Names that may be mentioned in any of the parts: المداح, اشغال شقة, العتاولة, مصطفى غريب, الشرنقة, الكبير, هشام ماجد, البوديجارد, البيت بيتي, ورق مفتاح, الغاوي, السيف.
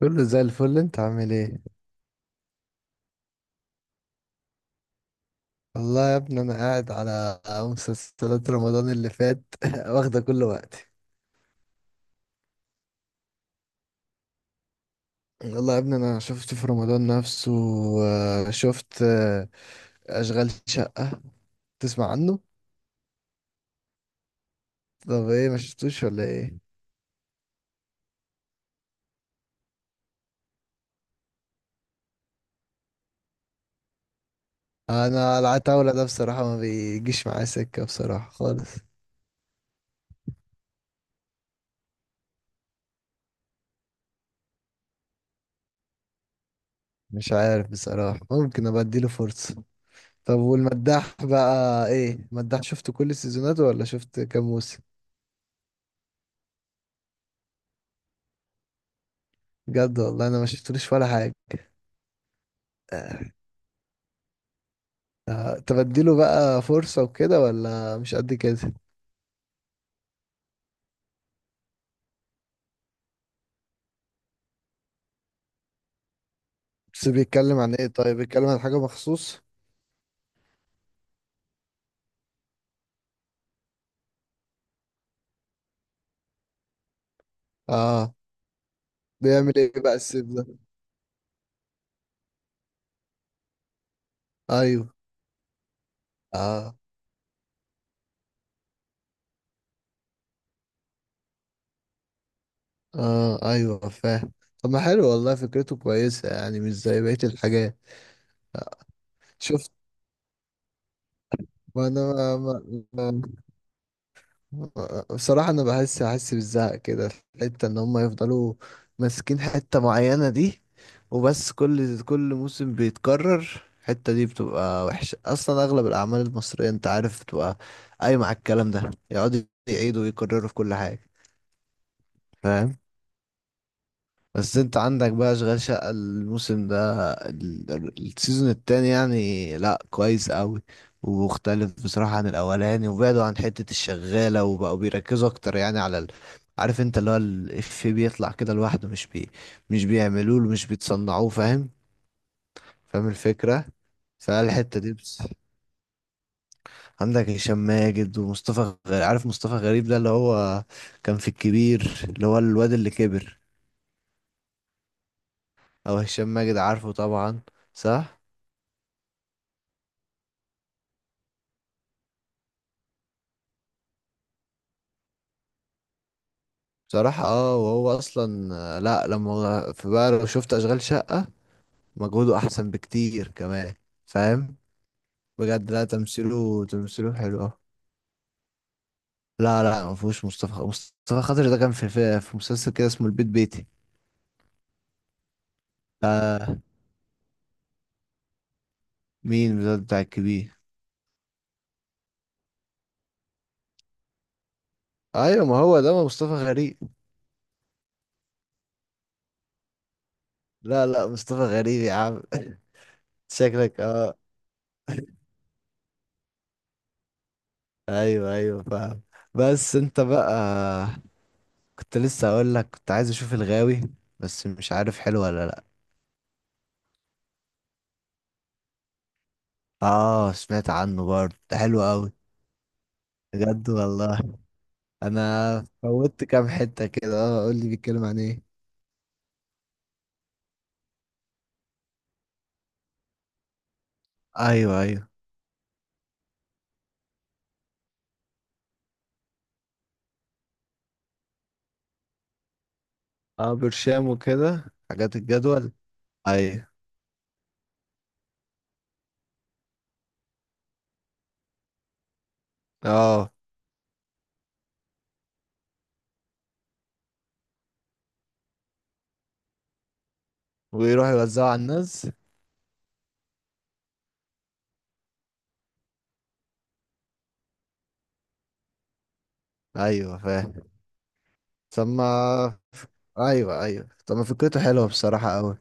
كله زي الفل، انت عامل ايه؟ والله يا ابني، انا قاعد على مسلسلات رمضان اللي فات واخده كل وقتي. والله يا ابني، انا شفت في رمضان نفسه. شفت، اشغال شقة، تسمع عنه؟ طب ايه، ما شفتوش ولا ايه؟ انا العتاولة ده، بصراحة، ما بيجيش معايا سكة بصراحة خالص. مش عارف بصراحة، ممكن ابقى اديله فرصة. طب والمداح بقى، ايه المداح؟ شفت كل السيزونات ولا شفت كام موسم؟ بجد والله، انا ما شفتلوش ولا حاجة. آه، تبديله بقى فرصة وكده ولا مش قد كده؟ بس بيتكلم عن ايه؟ طيب بيتكلم عن حاجة مخصوص؟ اه، بيعمل ايه بقى السيف ده؟ ايوه. اه. اه، ايوه، فاهم. طب ما حلو والله، فكرته كويسة يعني، مش زي بقية الحاجات. شفت. ما انا ما, ما بصراحة، أنا أحس بالزهق كده في الحتة، إن هما يفضلوا ماسكين حتة معينة دي. وبس كل موسم بيتكرر، الحتة دي بتبقى وحشة أصلا. أغلب الأعمال المصرية أنت عارف بتبقى قايمة على الكلام ده، يقعدوا يعيدوا ويكرروا في كل حاجة. فاهم. بس انت عندك بقى اشغال شقة، الموسم ده، السيزون التاني يعني، لا كويس قوي. ومختلف بصراحة عن الاولاني، وبعدوا عن حتة الشغالة، وبقوا بيركزوا اكتر يعني على عارف انت اللي هو الإفيه بيطلع كده لوحده، مش بيعملوه، مش بيتصنعوه، فاهم؟ فاهم الفكرة، فالحتة دي بس. عندك هشام ماجد ومصطفى غريب. عارف مصطفى غريب ده اللي هو كان في الكبير، اللي هو الواد اللي كبر. او هشام ماجد، عارفه طبعا. صح. بصراحة وهو اصلا، لا لما في بقى، لو شفت اشغال شقة، مجهوده احسن بكتير كمان، فاهم؟ بجد، لا، تمثيله حلو اه. لا لا، ما فيهوش مصطفى خاطر ده كان في في مسلسل كده اسمه البيت بيتي. آه. مين ده بتاع الكبير؟ ايوه، ما هو ده، ما مصطفى غريب. لا لا، مصطفى غريب يا عم شكلك اه. ايوه، ايوه، فاهم. بس انت بقى، كنت لسه اقول لك، كنت عايز اشوف الغاوي، بس مش عارف حلو ولا لا. اه، سمعت عنه برضه، ده حلو قوي؟ بجد والله. انا فوتت كام حتة كده، قول لي، بيتكلم عن ايه؟ ايوه، ايوه. اه، برشام وكده، حاجات الجدول. ايوه. اه، ويروح يوزعه على الناس. ايوه، فاهم. ثم. ايوه، ايوه، طب ما فكرته حلوه بصراحة قوي.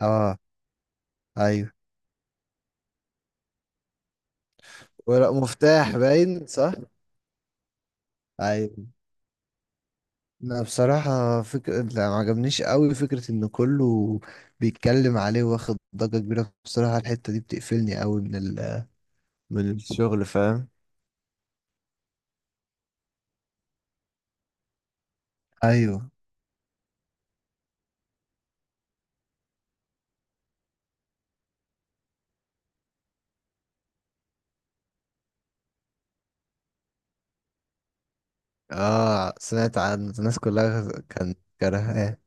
اه. ايوه، ورق، مفتاح، باين صح. ايوه. لا بصراحة فكرة، لا ما عجبنيش قوي فكرة ان كله بيتكلم عليه، واخد ضجة كبيرة. بصراحة الحتة دي بتقفلني قوي من من الشغل، فاهم؟ ايوه. اه، سمعت عن الناس كلها، كان كرهاه.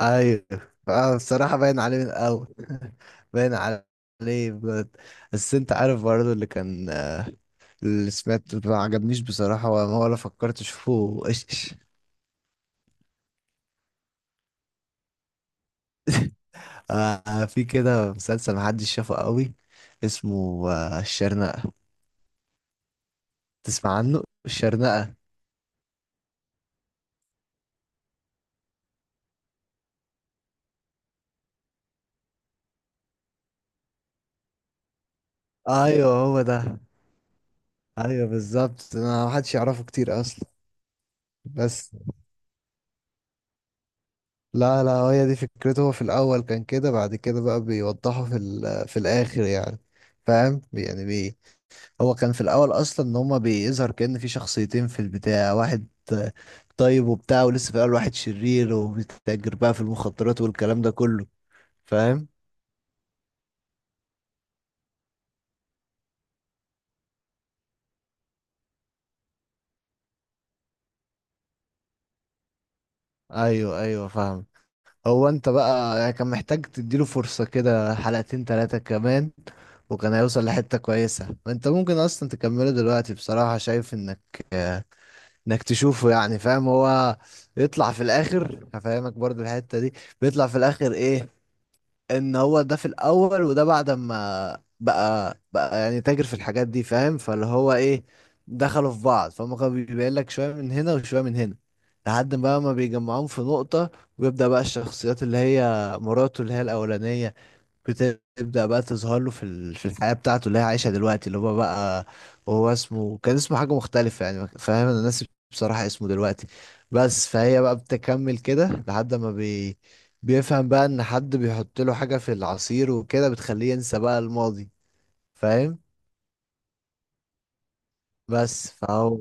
ايوه. اه، بصراحة باين عليه من الاول باين عليه بجد. بس انت عارف برضه، اللي سمعت ما عجبنيش بصراحة، ولا فكرت اشوفه ايش؟ آه، في كده مسلسل محدش شافه قوي، اسمه الشرنقة، تسمع عنه الشرنقة؟ ايوه، هو ده. ايوه، بالظبط، انا محدش يعرفه كتير اصلا، بس. لا لا، هي دي فكرته. هو في الاول كان كده، بعد كده بقى بيوضحه في الاخر يعني، فاهم يعني. هو كان في الاول اصلا، ان هما بيظهر كأن في شخصيتين، في البتاع واحد طيب وبتاع، ولسه في الاول واحد شرير، وبيتاجر بقى في المخدرات والكلام ده كله، فاهم. ايوه، ايوه، فاهم. هو انت بقى يعني كان محتاج تديله فرصة كده، حلقتين تلاتة كمان، وكان هيوصل لحتة كويسة. انت ممكن اصلا تكمله دلوقتي، بصراحة شايف انك تشوفه يعني، فاهم؟ هو يطلع في الاخر. هفهمك برضو الحتة دي. بيطلع في الاخر ايه؟ ان هو ده في الاول، وده بعد ما بقى يعني تاجر في الحاجات دي، فاهم. فاللي هو ايه، دخلوا في بعض، فهم كانوا بيبين لك شويه من هنا وشويه من هنا، لحد ما بيجمعوهم في نقطه، ويبدا بقى الشخصيات اللي هي مراته اللي هي الاولانيه، بتبدأ بقى تظهر له في الحياة بتاعته اللي هي عايشها دلوقتي، اللي هو بقى، هو اسمه كان اسمه حاجة مختلفة يعني، فاهم. انا ناسي بصراحة اسمه دلوقتي، بس. فهي بقى بتكمل كده لحد ما بيفهم بقى ان حد بيحط له حاجة في العصير وكده بتخليه ينسى بقى الماضي، فاهم. بس فهو.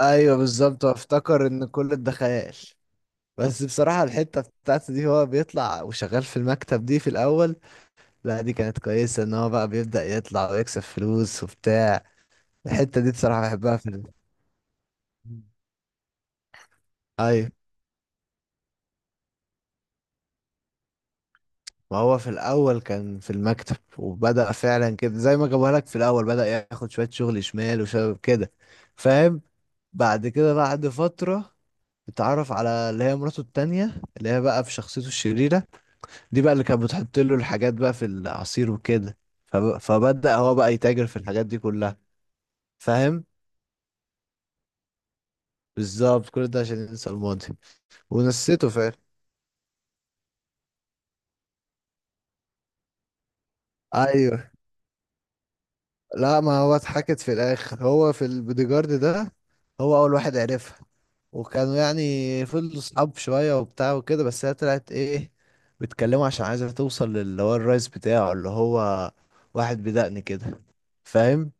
ايوه، بالظبط، هو افتكر ان كل ده خيال. بس بصراحة الحتة بتاعته دي، هو بيطلع وشغال في المكتب دي في الأول. لا دي كانت كويسة، ان هو بقى بيبدأ يطلع ويكسب فلوس وبتاع، الحتة دي بصراحة بحبها في ايوه، ما هو في الاول كان في المكتب، وبدأ فعلا كده زي ما جابوها لك في الاول، بدأ ياخد شوية شغل شمال وشباب كده، فاهم. بعد كده، بعد فترة، اتعرف على اللي هي مراته التانية، اللي هي بقى في شخصيته الشريرة. دي بقى اللي كانت بتحط له الحاجات بقى في العصير وكده. فبدأ هو بقى يتاجر في الحاجات دي كلها، فاهم. بالظبط كل ده عشان ينسى الماضي، ونسيته فعلا. ايوه. لا، ما هو اتحكت في الاخر، هو في البوديجارد ده، هو اول واحد عرفها. وكانوا يعني فضلوا صحاب شويه وبتاع وكده، بس هي طلعت ايه، بيتكلموا عشان عايزه توصل للي هو الرئيس بتاعه، اللي هو واحد بدقن كده، فاهم.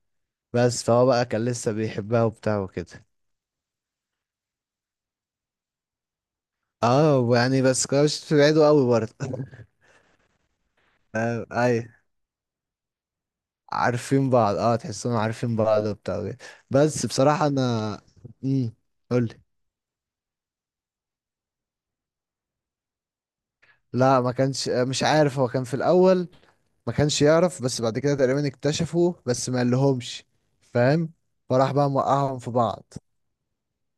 بس فهو بقى كان لسه بيحبها وبتاع وكده. اه يعني، بس كانوش بعيدوا قوي برضه فاهم اي. عارفين بعض، تحسهم عارفين بعض وبتاع وكده. بس بصراحه انا، امم قول. لا، ما كانش مش عارف، هو كان في الاول ما كانش يعرف، بس بعد كده تقريبا اكتشفوا، بس ما قالهمش، فاهم. فراح بقى موقعهم في بعض،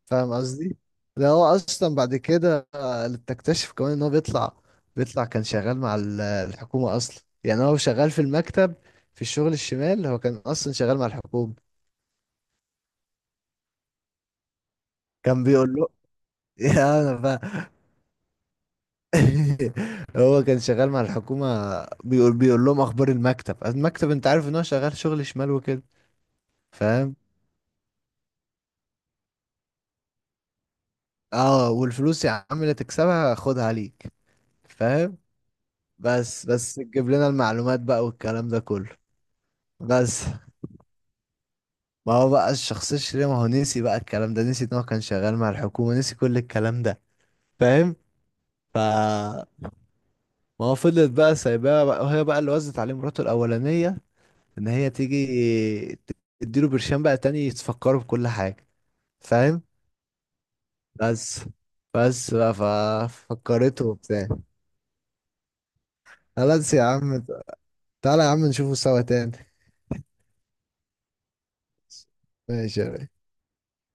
فاهم قصدي. ده هو اصلا بعد كده، تكتشف كمان ان هو بيطلع، كان شغال مع الحكومة اصلا، يعني هو شغال في المكتب، في الشغل الشمال، هو كان اصلا شغال مع الحكومة. كان بيقول له يا انا بقى هو كان شغال مع الحكومة، بيقول لهم اخبار المكتب. المكتب، انت عارف ان هو شغال شغل شمال وكده، فاهم. اه، والفلوس يا عم اللي تكسبها خدها ليك، فاهم. بس تجيب لنا المعلومات بقى والكلام ده كله. بس ما هو بقى الشخص الشرير، ما هو نسي بقى الكلام ده، نسي ان هو كان شغال مع الحكومة، نسي كل الكلام ده، فاهم. ف ما هو فضلت بقى سايباها بقى، وهي بقى اللي وزت عليه مراته الأولانية، ان هي تيجي تديله برشام بقى تاني تفكره بكل حاجة، فاهم. بس بس بقى ففكرته وبتاع. خلاص يا عم. تعالى يا عم نشوفه سوا تاني. ماشي يا ريس.